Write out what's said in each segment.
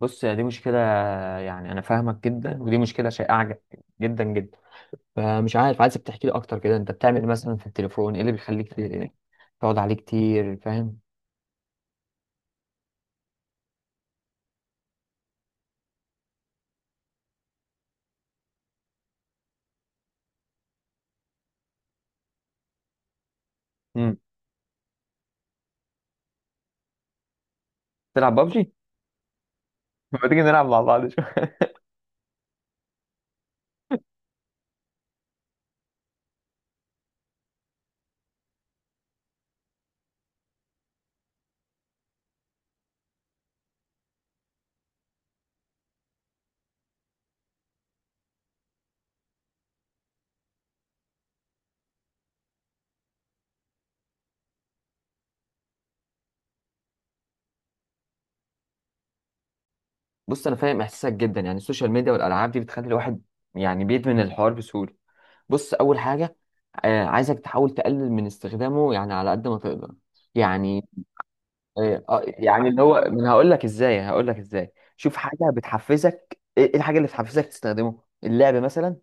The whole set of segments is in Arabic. بص، يا دي مشكلة. يعني أنا فاهمك جدا، ودي مشكلة شائعة جدا جدا. فمش عارف، عايزك تحكي لي أكتر كده، أنت بتعمل إيه مثلا في التليفون؟ إيه اللي بيخليك تقعد عليه كتير، فاهم؟ مم. تلعب بابجي؟ ما تيجي نلعب مع بعض شوية. بص، أنا فاهم إحساسك جدا. يعني السوشيال ميديا والألعاب دي بتخلي الواحد يعني بيدمن الحوار بسهولة. بص، أول حاجة، عايزك تحاول تقلل من استخدامه يعني على قد ما تقدر. يعني إيه، آه، يعني اللي هو، هقول لك ازاي، هقول لك ازاي، شوف حاجه بتحفزك، ايه إيه الحاجه اللي بتحفزك تستخدمه؟ اللعب مثلا؟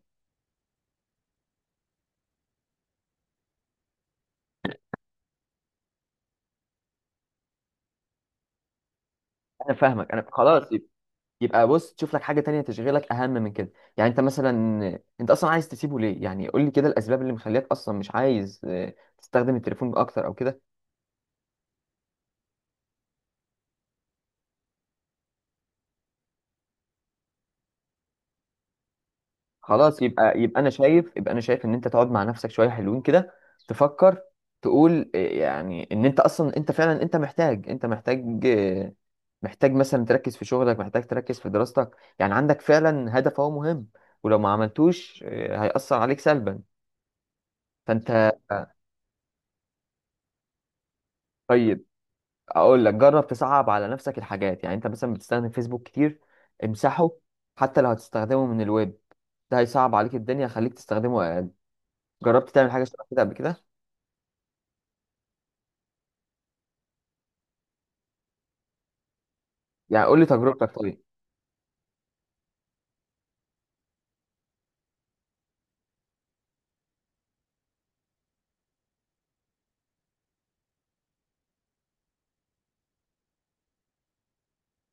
انا فاهمك، انا خلاص يبقى بص تشوف لك حاجه تانية تشغلك اهم من كده. يعني انت مثلا، انت اصلا عايز تسيبه ليه؟ يعني قول لي كده الاسباب اللي مخليك اصلا مش عايز، تستخدم التليفون اكتر او كده. خلاص، يبقى يبقى انا شايف ان انت تقعد مع نفسك شويه حلوين كده، تفكر، تقول إيه يعني، ان انت اصلا، انت فعلا، انت محتاج محتاج مثلا تركز في شغلك، محتاج تركز في دراستك. يعني عندك فعلا هدف هو مهم، ولو ما عملتوش هيأثر عليك سلبا. فانت، طيب اقول لك جرب تصعب على نفسك الحاجات. يعني انت مثلا بتستخدم فيسبوك كتير، امسحه. حتى لو هتستخدمه من الويب، ده هيصعب عليك الدنيا، خليك تستخدمه اقل. جربت تعمل حاجه شبه كده قبل كده؟ يعني قول لي تجربتك. طيب.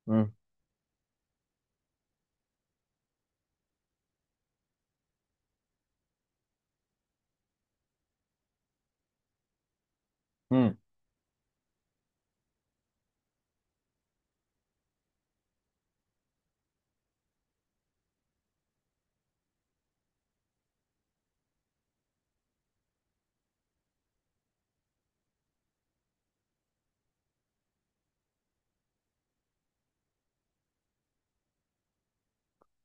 مم. مم.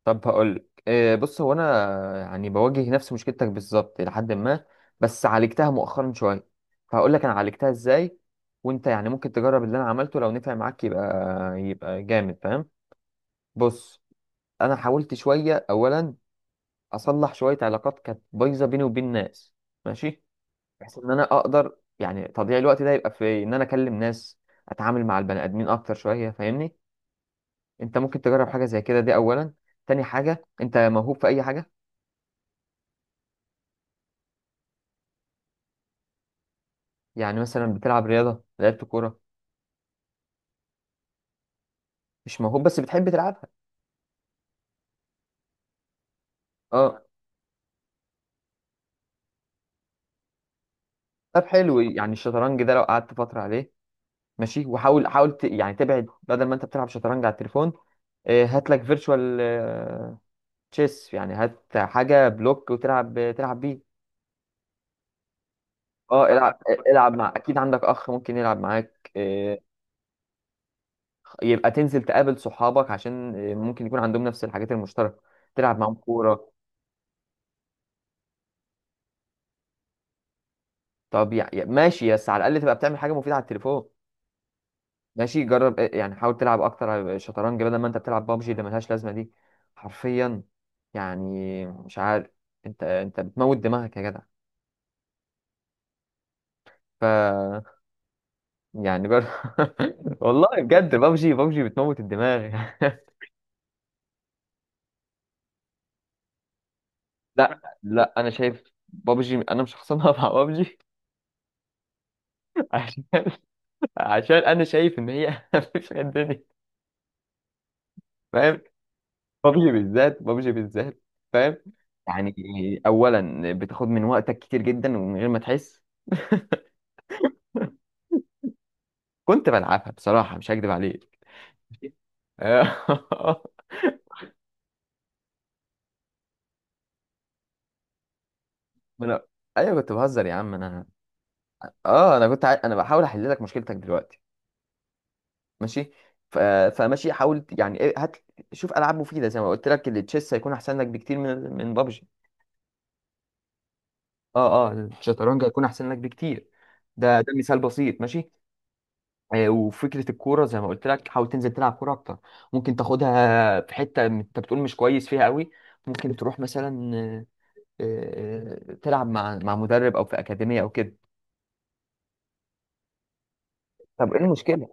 طب هقول لك إيه، بص، هو انا يعني بواجه نفس مشكلتك بالظبط الى حد ما، بس عالجتها مؤخرا شويه. فهقول لك انا عالجتها ازاي، وانت يعني ممكن تجرب اللي انا عملته، لو نفع معاك يبقى جامد، فاهم؟ بص، انا حاولت شويه اولا اصلح شويه علاقات كانت بايظه بيني وبين ناس، ماشي، بحيث ان انا اقدر يعني تضييع الوقت ده يبقى في ان انا اكلم ناس، اتعامل مع البني ادمين اكتر شويه، فاهمني؟ انت ممكن تجرب حاجه زي كده دي اولا. تاني حاجه، انت موهوب في اي حاجه؟ يعني مثلا بتلعب رياضه، لعبت كوره؟ مش موهوب بس بتحب تلعبها؟ اه. طب حلو، يعني الشطرنج ده لو قعدت فتره عليه، ماشي. وحاول يعني تبعد، بدل ما انت بتلعب شطرنج على التليفون، اه، هات لك فيرتشوال تشيس، يعني هات حاجه بلوك وتلعب بيه. اه، العب. العب مع، اكيد عندك اخ ممكن يلعب معاك، اه. يبقى تنزل تقابل صحابك، عشان اه، ممكن يكون عندهم نفس الحاجات المشتركه، تلعب معاهم كوره. طب يعني ماشي، بس على الاقل تبقى بتعمل حاجه مفيده على التليفون. ماشي، جرب يعني حاول تلعب اكتر على شطرنج بدل ما انت بتلعب بابجي اللي ملهاش لازمه دي، حرفيا. يعني مش عارف، انت بتموت دماغك يا جدع. ف، يعني جرب. والله بجد، بابجي، بابجي بتموت الدماغ. لا لا، انا شايف بابجي، انا مش خصمها مع بابجي. عشان، عشان انا شايف ان هي مفيش غير الدنيا، فاهم؟ بابجي بالذات، بابجي بالذات، فاهم؟ يعني اولا بتاخد من وقتك كتير جدا ومن غير ما تحس. كنت بلعبها بصراحه، مش هكدب عليك. آه. ما انا، ايوه كنت بهزر يا عم انا. اه، انا انا بحاول احل لك مشكلتك دلوقتي. ماشي. ف... فماشي، حاول يعني هات شوف العاب مفيده، زي ما قلت لك، التشيس هيكون احسن لك بكتير من بابجي. اه اه، الشطرنج هيكون احسن لك بكتير. ده مثال بسيط، ماشي. آه، وفكره الكوره زي ما قلت لك، حاول تنزل تلعب كوره اكتر. ممكن تاخدها في حته انت بتقول مش كويس فيها قوي، ممكن تروح مثلا تلعب مع مدرب، او في اكاديميه، او كده. طب ايه المشكله؟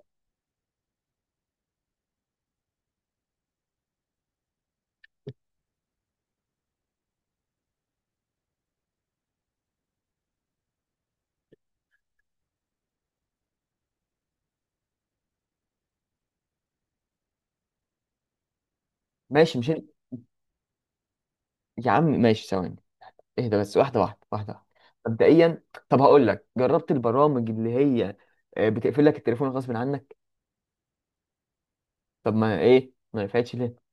ماشي مش انت- يا عم ماشي، ثواني، اهدى بس، واحدة واحدة، واحدة واحدة. مبدئيا، طب هقول لك، جربت البرامج اللي هي آه، بتقفل لك التليفون غصب عنك؟ طب ما ايه، ما نفعتش ليه؟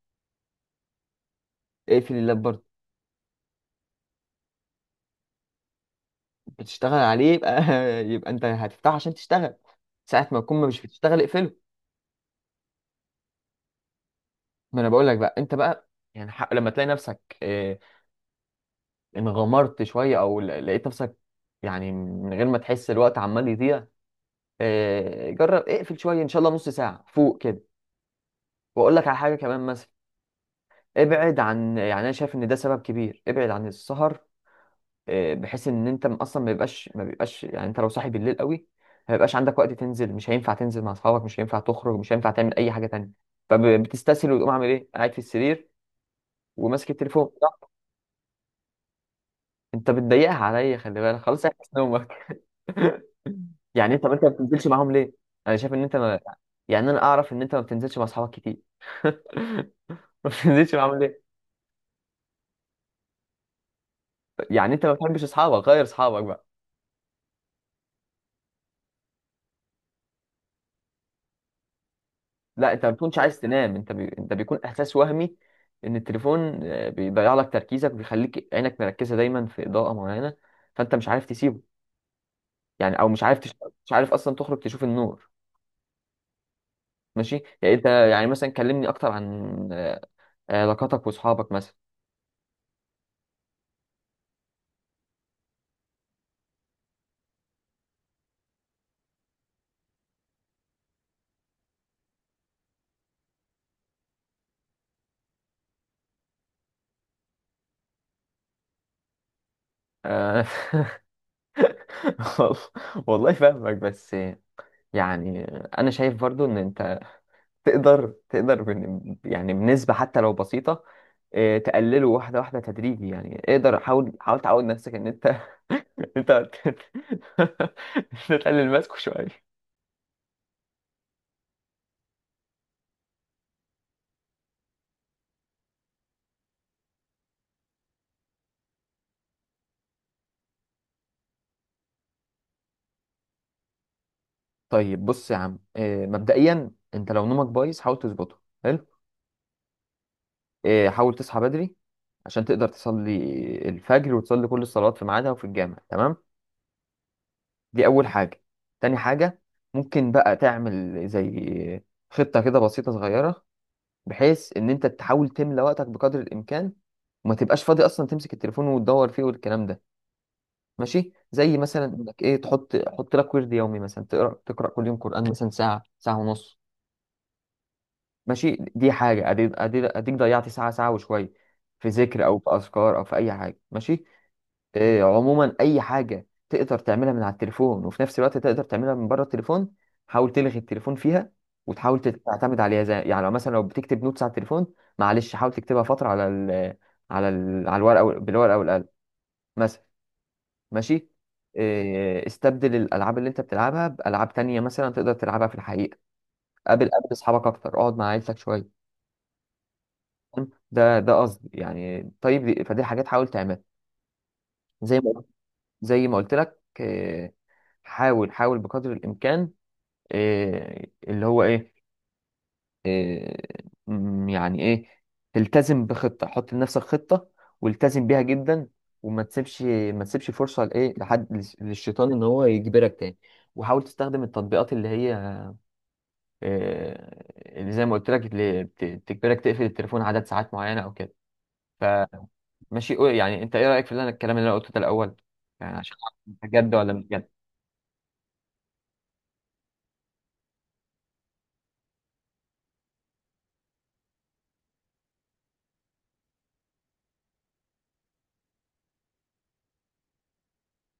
اقفل اللاب برضه. بتشتغل عليه، يبقى يبقى انت هتفتحه عشان تشتغل، ساعة ما تكون مش بتشتغل اقفله. ما انا بقول لك بقى، انت بقى يعني لما تلاقي نفسك انغمرت شويه، او لقيت نفسك يعني من غير ما تحس الوقت عمال يضيع، آه، جرب اقفل شويه، ان شاء الله نص ساعه فوق كده. واقول لك على حاجه كمان مثلا، ابعد عن، يعني انا شايف ان ده سبب كبير، ابعد عن السهر. آه، بحيث ان انت، اصلا ما بيبقاش، يعني انت لو صاحي بالليل قوي، ما بيبقاش عندك وقت تنزل، مش هينفع تنزل مع اصحابك، مش هينفع تخرج، مش هينفع تعمل اي حاجه تانية. فبتستسهل وتقوم عامل ايه؟ قاعد في السرير وماسك التليفون. انت بتضيقها عليا، خلي بالك، خلاص احبس نومك. يعني انت ما بتنزلش معاهم ليه؟ انا شايف ان انت ما... يعني انا اعرف ان انت ما بتنزلش مع اصحابك كتير. ما بتنزلش معاهم ليه؟ يعني انت ما بتحبش اصحابك، غير اصحابك بقى؟ لا، انت ما بتكونش عايز تنام، انت انت بيكون احساس وهمي ان التليفون، آه، بيضيع لك تركيزك وبيخليك عينك مركزه دايما في اضاءه معينه، فانت مش عارف تسيبه. يعني او مش عارف مش عارف اصلا تخرج تشوف النور. ماشي. يعني انت يعني مثلا كلمني اكتر عن، آه، علاقاتك واصحابك مثلا. آه، وال- والله فاهمك، بس يعني انا شايف برضو ان انت تقدر، يعني بنسبة حتى لو بسيطة، آه، تقلله واحدة واحدة، تدريجي. يعني اقدر، حاول تعود نفسك ان انت انت تقلل ماسكه شوية. طيب بص يا عم، آه، مبدئيا انت لو نومك بايظ حاول تظبطه حلو. آه، حاول تصحى بدري عشان تقدر تصلي الفجر، وتصلي كل الصلوات في ميعادها وفي الجامع، تمام؟ دي أول حاجة. تاني حاجة، ممكن بقى تعمل زي خطة كده بسيطة صغيرة، بحيث إن أنت تحاول تملى وقتك بقدر الإمكان، وما تبقاش فاضي أصلا تمسك التليفون وتدور فيه والكلام ده. ماشي؟ زي مثلا إنك تحط، لك ورد يومي مثلا، تقرأ، تقرأ كل يوم قرآن مثلا ساعة، ساعة ونص. ماشي، دي حاجة أديك، ضيعت ساعة، ساعة وشوية في ذكر، أو في أذكار، أو في أي حاجة. ماشي؟ إيه، عموما اي حاجه تقدر تعملها من على التليفون وفي نفس الوقت تقدر تعملها من بره التليفون، حاول تلغي التليفون فيها، وتحاول تعتمد عليها، زي يعني لو مثلا لو بتكتب نوتس على التليفون، معلش حاول تكتبها فتره على ال على ال على الورقه، بالورقه والقلم مثلا. ماشي. إيه، استبدل الالعاب اللي انت بتلعبها بالعاب تانية مثلا تقدر تلعبها في الحقيقه. قابل، اصحابك اكتر، اقعد مع عيلتك شويه. تمام؟ ده قصدي يعني. طيب دي- فدي حاجات حاول تعملها. زي ما زي ما قلت لك حاول، حاول بقدر الامكان إيه اللي هو ايه, إيه م- يعني ايه تلتزم بخطه، حط لنفسك خطه والتزم بيها جدا، وما تسيبش ما تسيبش فرصه للشيطان ان هو يجبرك تاني. وحاول تستخدم التطبيقات اللي هي إيه اللي زي ما قلت لك، اللي بتجبرك تقفل التليفون عدد ساعات معينه او كده. فماشي، يعني انت ايه رايك في اللي انا الكلام اللي انا قلته ده الاول؟ يعني عشان أعرف أنت جد ولا مش جد.